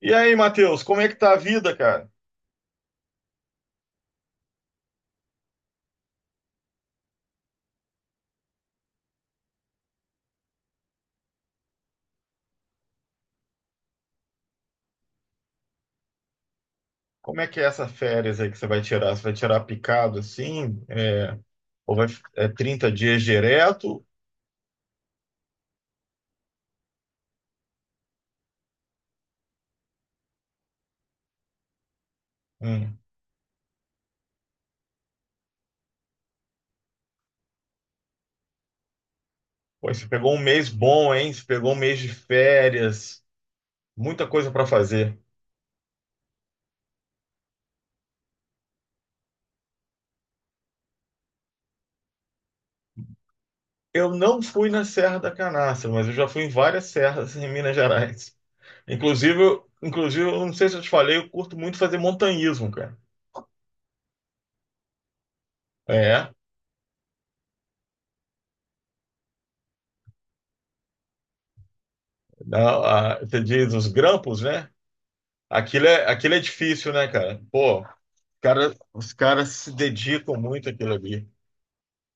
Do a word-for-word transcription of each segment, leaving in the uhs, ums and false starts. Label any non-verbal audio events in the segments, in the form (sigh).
E aí, Matheus, como é que tá a vida, cara? Como é que é essa férias aí que você vai tirar? Você vai tirar picado assim? É, ou vai, é trinta dias direto? Hum. Pô, você pegou um mês bom, hein? Você pegou um mês de férias, muita coisa para fazer. Eu não fui na Serra da Canastra, mas eu já fui em várias serras em Minas Gerais. Inclusive, eu- inclusive, eu não sei se eu te falei, eu curto muito fazer montanhismo, cara. É, não, a, você diz os grampos, né? Aquilo é, aquilo é difícil, né, cara? Pô, cara, os caras se dedicam muito àquilo ali.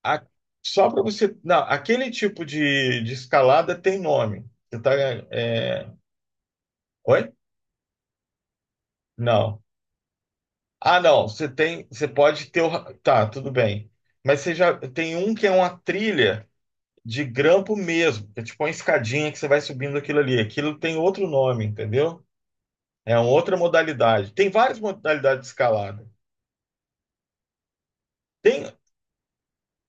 A- Só para você. Não, aquele tipo de, de escalada tem nome. Você tá. é, Oi? Não. Ah, não. Você tem. Você pode ter. o ra- Tá, tudo bem. Mas você já tem um que é uma trilha de grampo mesmo, que é tipo uma escadinha que você vai subindo aquilo ali. Aquilo tem outro nome, entendeu? É uma outra modalidade. Tem várias modalidades de escalada. Tem,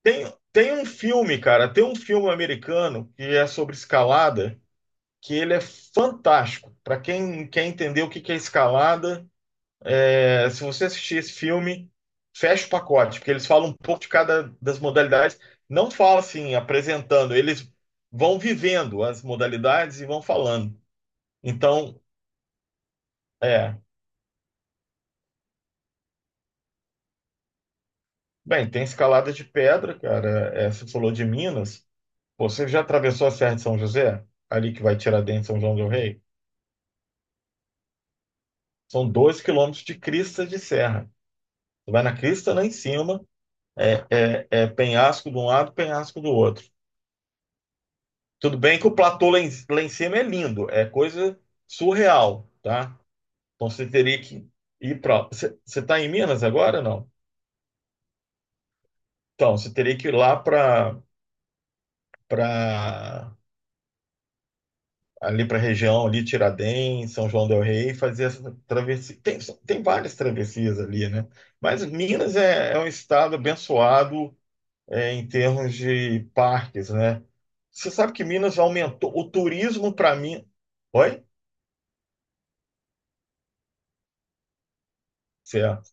Tem, tem um filme, cara, tem um filme americano que é sobre escalada, que ele é fantástico. Para quem quer entender o que que é escalada, é, se você assistir esse filme, fecha o pacote, porque eles falam um pouco de cada das modalidades. Não fala assim, apresentando, eles vão vivendo as modalidades e vão falando. Então, é. Bem, tem escalada de pedra, cara. É, você falou de Minas. Pô, você já atravessou a Serra de São José? Ali que vai tirar Tiradentes, São João del Rei? São dois quilômetros de crista de serra. Tu vai na crista lá em cima, é, é penhasco de um lado, penhasco do outro. Tudo bem que o platô lá em, lá em cima é lindo, é coisa surreal, tá? Então você teria que ir para. Você está em Minas agora, não? Então você teria que ir lá para para ali para a região ali Tiradentes, São João del Rei, e fazer essa travessia. Tem, tem várias travessias ali, né? Mas Minas é, é um estado abençoado é, em termos de parques, né? Você sabe que Minas aumentou o turismo para mim. Oi? Certo.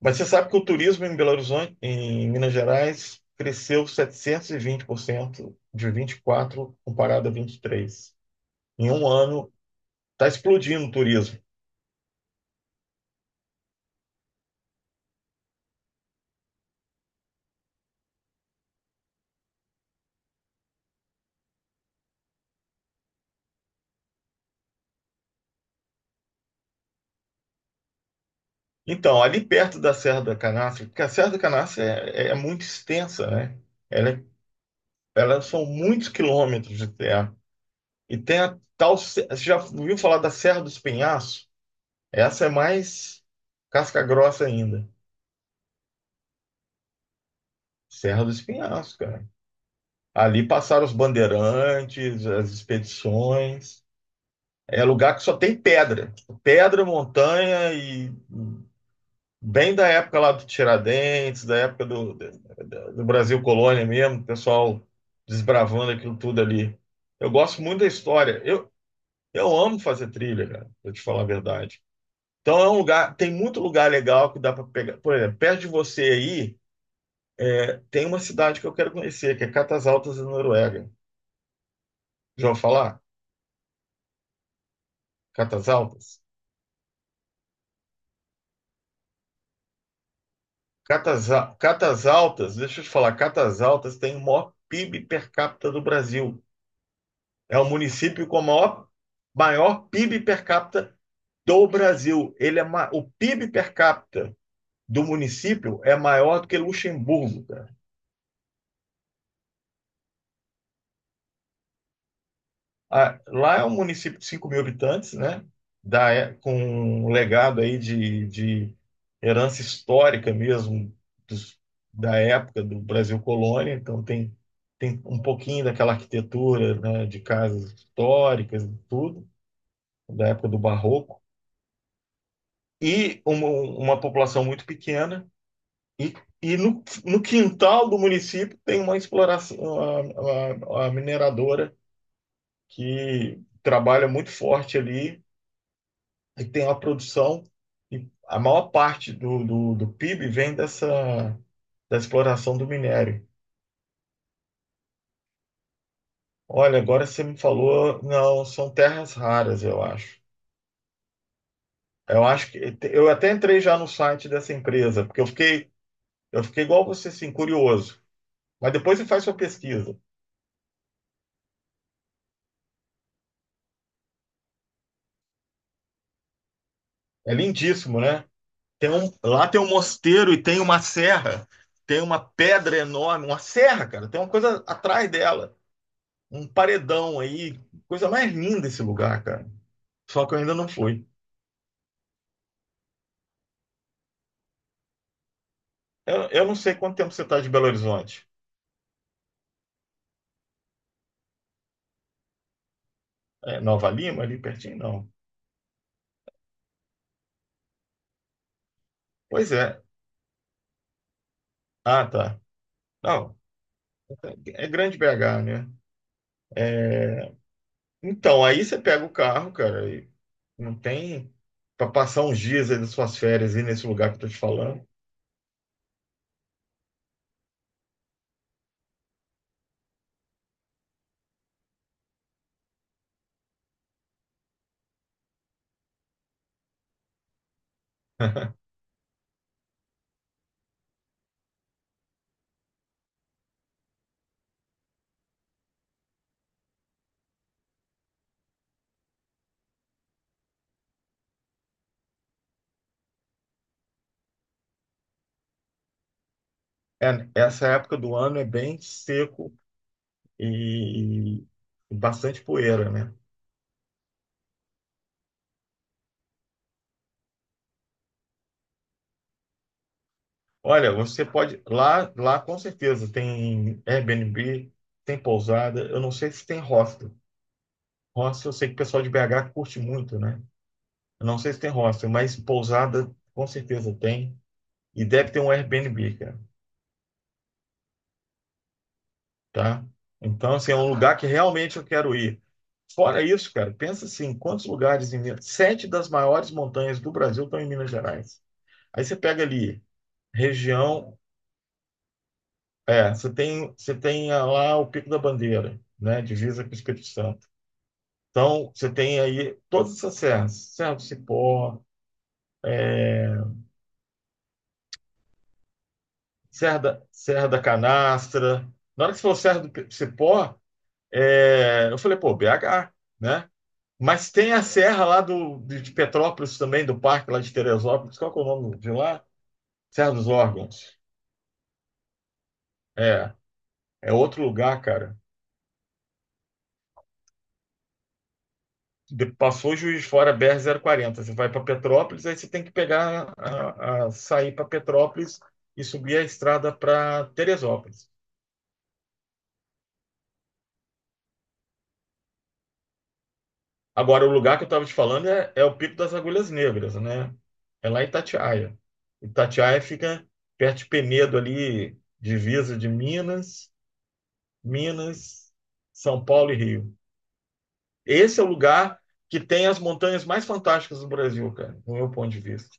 Mas você sabe que o turismo em Belo Horizonte, em Minas Gerais, cresceu setecentos e vinte por cento de vinte e quatro comparado a vinte e três. Em um ano, está explodindo o turismo. Então, ali perto da Serra da Canastra, porque a Serra da Canastra é, é é muito extensa, né? Ela, é- Ela são muitos quilômetros de terra. E tem a tal. se- Você já ouviu falar da Serra dos Penhascos? Essa é mais casca grossa ainda. Serra do Espinhaço, cara. Ali passaram os bandeirantes, as expedições. É lugar que só tem pedra. Pedra, montanha e bem da época lá do Tiradentes, da época do, do, do Brasil Colônia mesmo, o pessoal desbravando aquilo tudo ali. Eu gosto muito da história. Eu, eu amo fazer trilha, cara, pra te falar a verdade. Então é um lugar, tem muito lugar legal que dá para pegar. Por exemplo, perto de você aí. É, tem uma cidade que eu quero conhecer, que é Catas Altas, na Noruega. Já ouviu falar? Catas Altas? Catas, Al- Catas Altas, deixa eu te falar, Catas Altas tem o maior PIB per capita do Brasil. É o município com o maior, maior PIB per capita do Brasil. Ele é ma- o PIB per capita do município é maior do que Luxemburgo, cara. Ah, lá é um município de cinco mil habitantes, né? Da, é- com um legado aí de, de herança histórica mesmo dos- da época do Brasil colônia. Então tem, tem um pouquinho daquela arquitetura, né, de casas históricas e tudo, da época do Barroco. E uma, uma população muito pequena. E, e no, no quintal do município tem uma exploração, a, a a mineradora que trabalha muito forte ali e tem uma produção, e a maior parte do, do, do PIB vem dessa, da exploração do minério. Olha, agora você me falou, não, são terras raras, eu acho. Eu acho que eu até entrei já no site dessa empresa, porque eu fiquei, eu fiquei igual você, assim, curioso. Mas depois você faz sua pesquisa. É lindíssimo, né? Tem um, lá tem um mosteiro e tem uma serra, tem uma pedra enorme, uma serra, cara. Tem uma coisa atrás dela, um paredão aí, coisa mais linda esse lugar, cara. Só que eu ainda não fui. Eu, eu não sei quanto tempo você está de Belo Horizonte. É Nova Lima, ali pertinho? Não. Pois é. Ah, tá. Não, é grande B H, né? É, Então, aí você pega o carro, cara, e não tem para passar uns dias aí das suas férias aí nesse lugar que eu tô te falando. (laughs) É, essa época do ano é bem seco e, e bastante poeira, né? Olha, você pode lá, lá com certeza tem Airbnb, tem pousada. Eu não sei se tem hostel. Hostel, eu sei que o pessoal de B H curte muito, né? Eu não sei se tem hostel, mas pousada com certeza tem. E deve ter um Airbnb, cara, tá? Então, assim, é um lugar que realmente eu quero ir. Fora isso, cara, pensa assim, quantos lugares em Minas... Sete das maiores montanhas do Brasil estão em Minas Gerais. Aí você pega ali, região... É, você tem, você tem ah, lá o Pico da Bandeira, né? Divisa com o Espírito Santo. Então, você tem aí todas essas serras. Serra do Cipó, é, Serra da, Serra da Canastra. Na hora que você falou Serra do Pe- Cipó, é, eu falei, pô, B H, né? Mas tem a serra lá do, de de Petrópolis também, do parque lá de Teresópolis. Qual que é o nome de lá? Serra dos Órgãos. É, É outro lugar, cara. De- passou Juiz de Fora, br quarenta. Você vai para Petrópolis, aí você tem que pegar, a, a- sair para Petrópolis e subir a estrada para Teresópolis. Agora, o lugar que eu estava te falando é, é o Pico das Agulhas Negras, né? É lá em Itatiaia. Itatiaia fica perto de Penedo ali, divisa de Minas, Minas, São Paulo e Rio. Esse é o lugar que tem as montanhas mais fantásticas do Brasil, cara, do meu ponto de vista.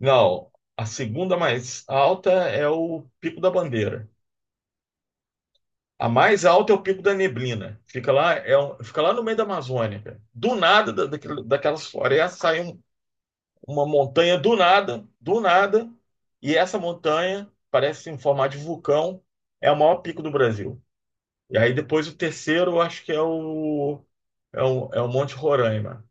Não, a segunda mais alta é o Pico da Bandeira. A mais alta é o Pico da Neblina. Fica lá, é um- fica lá no meio da Amazônia, cara. Do nada da, daquele- daquelas florestas sai um, uma montanha do nada, do nada, e essa montanha parece em formato de vulcão, é o maior pico do Brasil. E aí depois o terceiro, eu acho que é o, é o, é o Monte Roraima.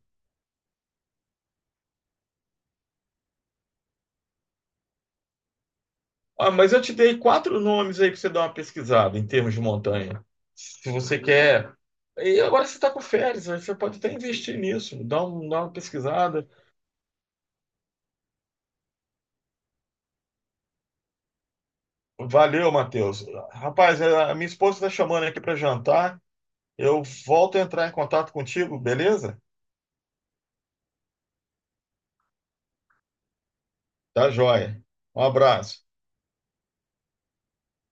Ah, mas eu te dei quatro nomes aí para você dar uma pesquisada em termos de montanha. Se você quer. E agora você está com férias, aí você pode até investir nisso, dá, um, dá uma pesquisada. Valeu, Matheus. Rapaz, é, a minha esposa está chamando aqui para jantar. Eu volto a entrar em contato contigo, beleza? Tá joia. Um abraço.